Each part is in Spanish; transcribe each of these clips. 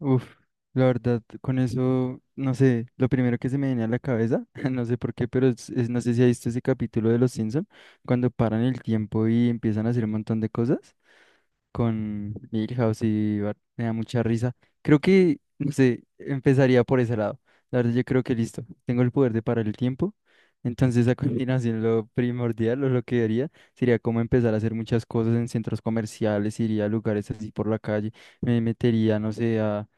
Uf, la verdad, con eso, no sé, lo primero que se me viene a la cabeza, no sé por qué, no sé si has visto ese capítulo de Los Simpson, cuando paran el tiempo y empiezan a hacer un montón de cosas con Milhouse y Bart, me da mucha risa. Creo que, no sé, empezaría por ese lado. La verdad, yo creo que listo, tengo el poder de parar el tiempo, entonces a continuación lo primordial o lo que haría sería como empezar a hacer muchas cosas en centros comerciales, iría a lugares así por la calle, me metería, no sé, a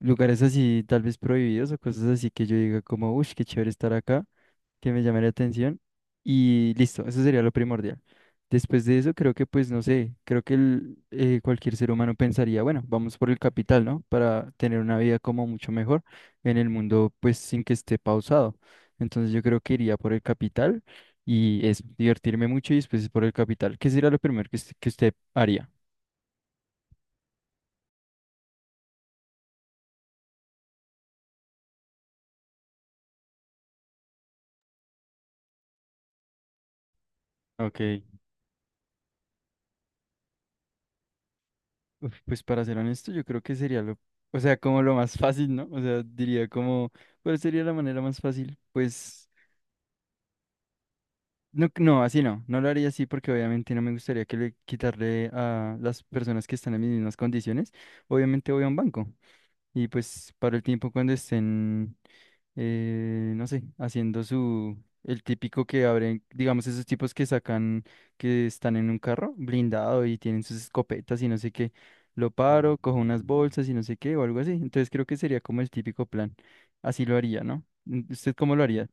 lugares así tal vez prohibidos o cosas así que yo diga como, uff, qué chévere estar acá, que me llame la atención y listo, eso sería lo primordial. Después de eso creo que pues no sé, creo que cualquier ser humano pensaría, bueno, vamos por el capital, ¿no? Para tener una vida como mucho mejor en el mundo pues sin que esté pausado. Entonces yo creo que iría por el capital y eso, divertirme mucho y después por el capital. ¿Qué sería lo primero que, que usted haría? Ok. Uf, pues para ser honesto, yo creo que sería lo, o sea, como lo más fácil, ¿no? O sea, diría como, ¿cuál sería la manera más fácil? Pues, no, no, así no, no lo haría así porque obviamente no me gustaría que le quitarle a las personas que están en mis mismas condiciones. Obviamente voy a un banco. Y pues para el tiempo cuando estén, no sé, el típico que abren, digamos, esos tipos que sacan, que están en un carro blindado y tienen sus escopetas y no sé qué, lo paro, cojo unas bolsas y no sé qué o algo así. Entonces creo que sería como el típico plan. Así lo haría, ¿no? ¿Usted cómo lo haría?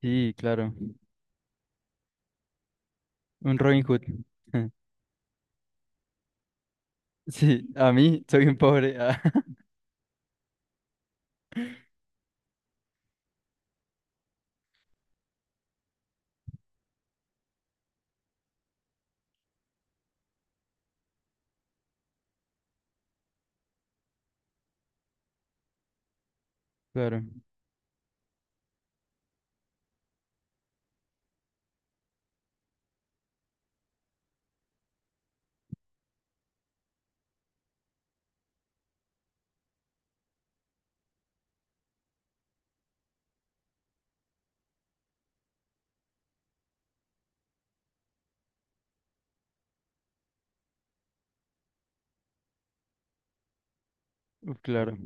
Sí, claro. Un Robin Hood. Sí, a mí soy un pobre. Claro, uf, claro.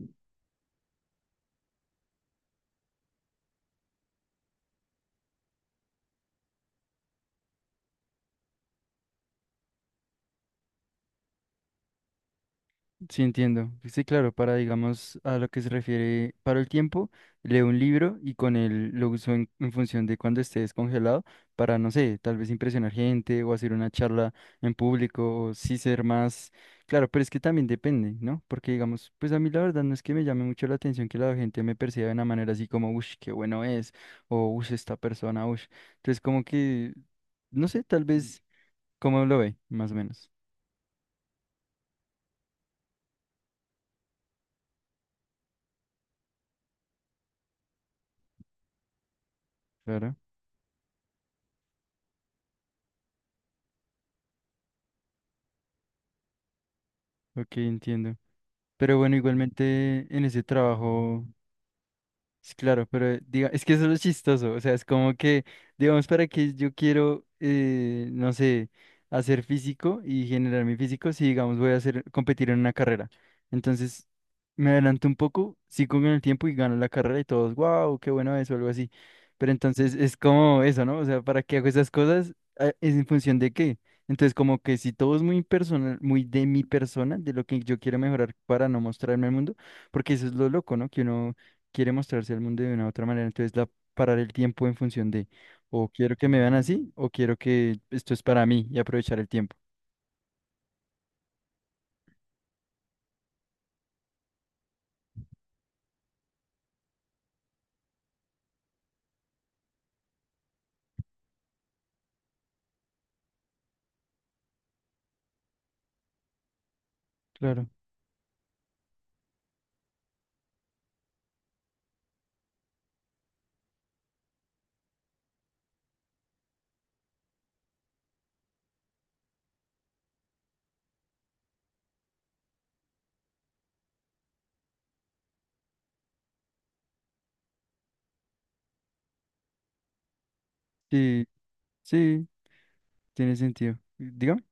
Sí, entiendo. Sí, claro, para, digamos, a lo que se refiere, para el tiempo, leo un libro y con él lo uso en función de cuando esté descongelado para, no sé, tal vez impresionar gente o hacer una charla en público o sí ser más... Claro, pero es que también depende, ¿no? Porque, digamos, pues a mí la verdad no es que me llame mucho la atención que la gente me perciba de una manera así como, uff, qué bueno es, o uff, esta persona, uff. Entonces, como que, no sé, tal vez, ¿cómo lo ve? Más o menos. Claro. Ok, entiendo. Pero bueno, igualmente en ese trabajo. Sí, claro, pero diga, es que eso es lo chistoso, o sea, es como que, digamos, para que yo quiero, no sé, hacer físico y generar mi físico, si digamos voy a hacer, competir en una carrera. Entonces, me adelanto un poco, sigo con el tiempo y gano la carrera y todos, wow, qué bueno eso, algo así. Pero entonces es como eso, ¿no? O sea, ¿para qué hago esas cosas? Ah, ¿es en función de qué? Entonces, como que si todo es muy personal, muy de mi persona, de lo que yo quiero mejorar para no mostrarme al mundo, porque eso es lo loco, ¿no? Que uno quiere mostrarse al mundo de una u otra manera, entonces la parar el tiempo en función de o quiero que me vean así o quiero que esto es para mí y aprovechar el tiempo. Claro. Sí, sí, tiene sentido. Dígame.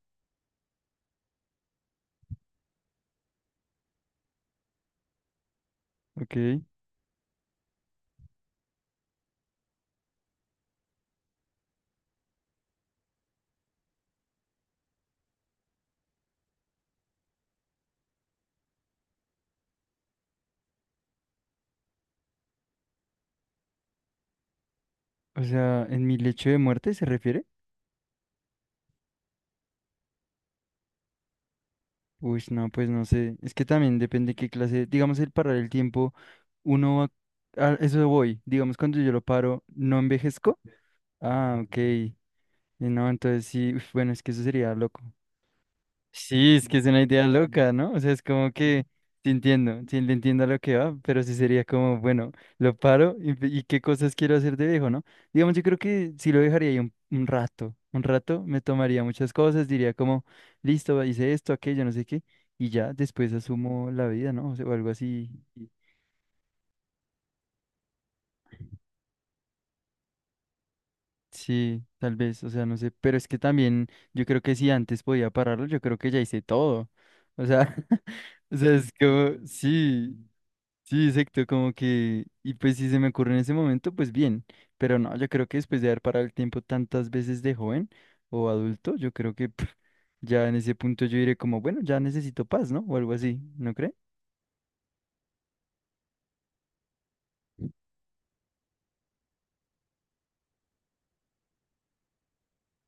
Ok. O sea, ¿en mi lecho de muerte se refiere? Uy, no, pues no sé. Es que también depende qué clase, digamos el parar el tiempo, uno va, a eso voy, digamos cuando yo lo paro, ¿no envejezco? Ah, ok. Y no, entonces sí, uf, bueno, es que eso sería loco. Sí, es que es una idea loca, ¿no? O sea, es como que te entiendo, sí le entiendo a lo que va, pero sí sería como, bueno, lo paro y qué cosas quiero hacer de viejo, ¿no? Digamos, yo creo que sí lo dejaría ahí un rato me tomaría muchas cosas, diría como, listo, hice esto, aquello, no sé qué, y ya después asumo la vida, ¿no? O sea, o algo así. y- Sí, tal vez, o sea, no sé, pero es que también yo creo que si antes podía pararlo, yo creo que ya hice todo. O sea, o sea, es como, sí. Sí, exacto, como que, y pues si se me ocurre en ese momento, pues bien, pero no, yo creo que después de haber parado el tiempo tantas veces de joven o adulto, yo creo que pf, ya en ese punto yo diré como, bueno, ya necesito paz, ¿no? O algo así, ¿no cree?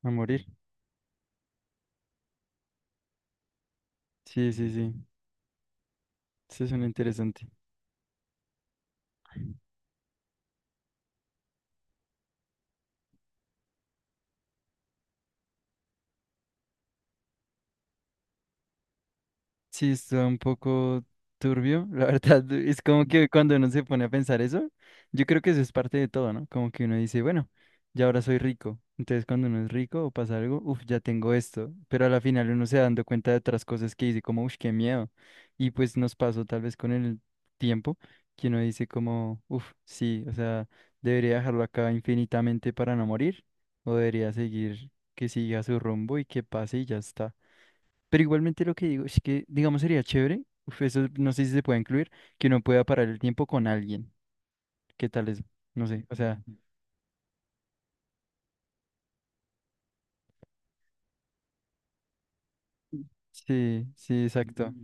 A morir. Sí, sí, sí, eso suena interesante. Sí, está un poco turbio, la verdad. Es como que cuando uno se pone a pensar eso, yo creo que eso es parte de todo, ¿no? Como que uno dice, bueno, ya ahora soy rico. Entonces cuando uno es rico o pasa algo, uff, ya tengo esto. Pero a la final uno se va dando cuenta de otras cosas que dice como, uff, qué miedo. Y pues nos pasó tal vez con el tiempo que uno dice como, uff, sí, o sea, debería dejarlo acá infinitamente para no morir o debería seguir que siga su rumbo y que pase y ya está. Pero igualmente lo que digo es que, digamos, sería chévere, uf, eso no sé si se puede incluir, que uno pueda parar el tiempo con alguien. ¿Qué tal eso? No sé, o sea, sí, sí, exacto.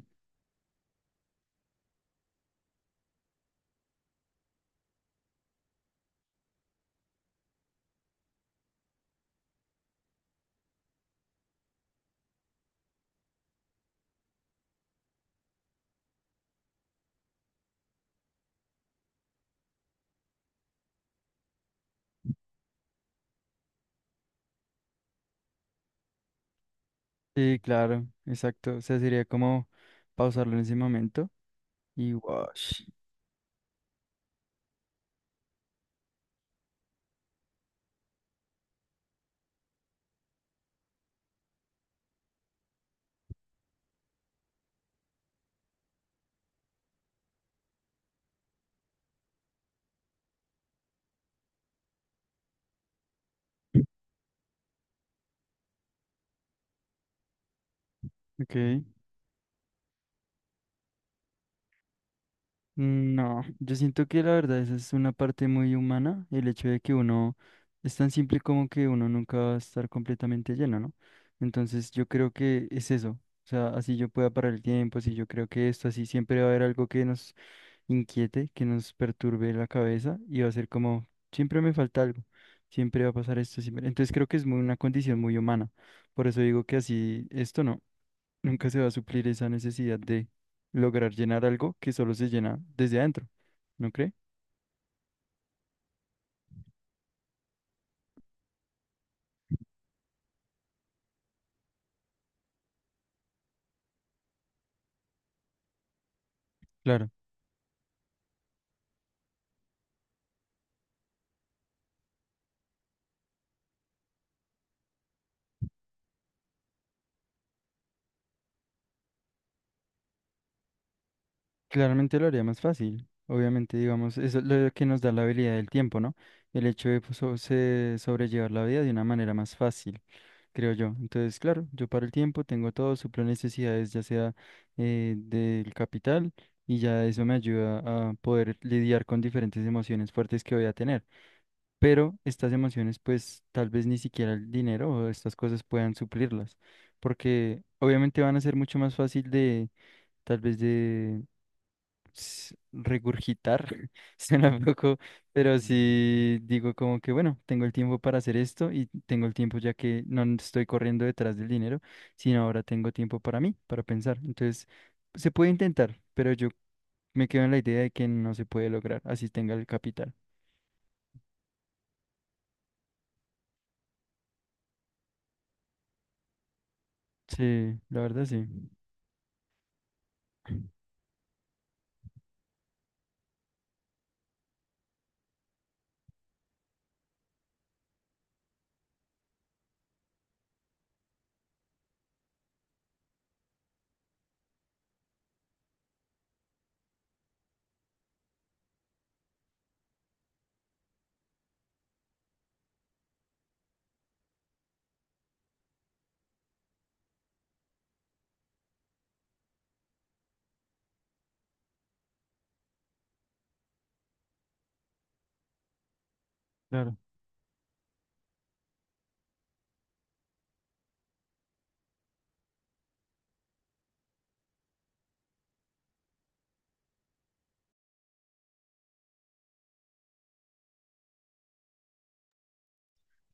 Sí, claro, exacto. O sea, sería como pausarlo en ese momento y wash. Ok. No, yo siento que la verdad esa es una parte muy humana, el hecho de que uno es tan simple como que uno nunca va a estar completamente lleno, ¿no? Entonces yo creo que es eso, o sea, así yo pueda parar el tiempo, así yo creo que esto, así siempre va a haber algo que nos inquiete, que nos perturbe la cabeza y va a ser como, siempre me falta algo, siempre va a pasar esto, siempre. Entonces creo que es muy, una condición muy humana, por eso digo que así, esto no. Nunca se va a suplir esa necesidad de lograr llenar algo que solo se llena desde adentro, ¿no cree? Claro, claramente lo haría más fácil. Obviamente, digamos, eso es lo que nos da la habilidad del tiempo, ¿no? El hecho de sobrellevar la vida de una manera más fácil, creo yo. Entonces, claro, yo paro el tiempo, tengo todo, suplo necesidades, ya sea del capital, y ya eso me ayuda a poder lidiar con diferentes emociones fuertes que voy a tener. Pero estas emociones pues tal vez ni siquiera el dinero o estas cosas puedan suplirlas, porque obviamente van a ser mucho más fácil de tal vez de regurgitar, suena un poco, pero sí digo como que bueno, tengo el tiempo para hacer esto y tengo el tiempo ya que no n- estoy corriendo detrás del dinero, sino ahora tengo tiempo para mí, para pensar. Entonces, se puede intentar, pero yo me quedo en la idea de que no se puede lograr, así tenga el capital. Sí, la verdad sí. Claro.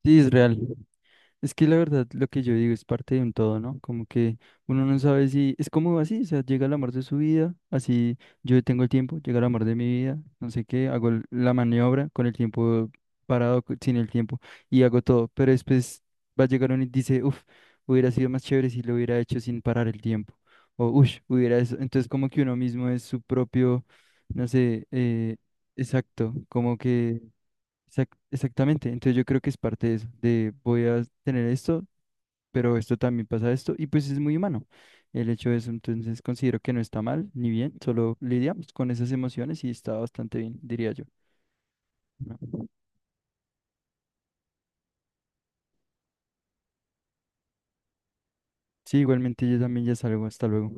Sí, es real. Es que la verdad lo que yo digo es parte de un todo, ¿no? Como que uno no sabe si es como así, o sea, llega el amor de su vida, así yo tengo el tiempo, llega el amor de mi vida, no sé qué, hago la maniobra con el tiempo parado, sin el tiempo y hago todo, pero después va a llegar uno y dice, uff, hubiera sido más chévere si lo hubiera hecho sin parar el tiempo, o uff, hubiera eso. Entonces como que uno mismo es su propio, no sé, exacto, como que... Exactamente, entonces yo creo que es parte de eso, de voy a tener esto, pero esto también pasa esto, y pues es muy humano el hecho de eso, entonces considero que no está mal ni bien, solo lidiamos con esas emociones y está bastante bien, diría yo. ¿No? Sí, igualmente yo también ya salgo, hasta luego.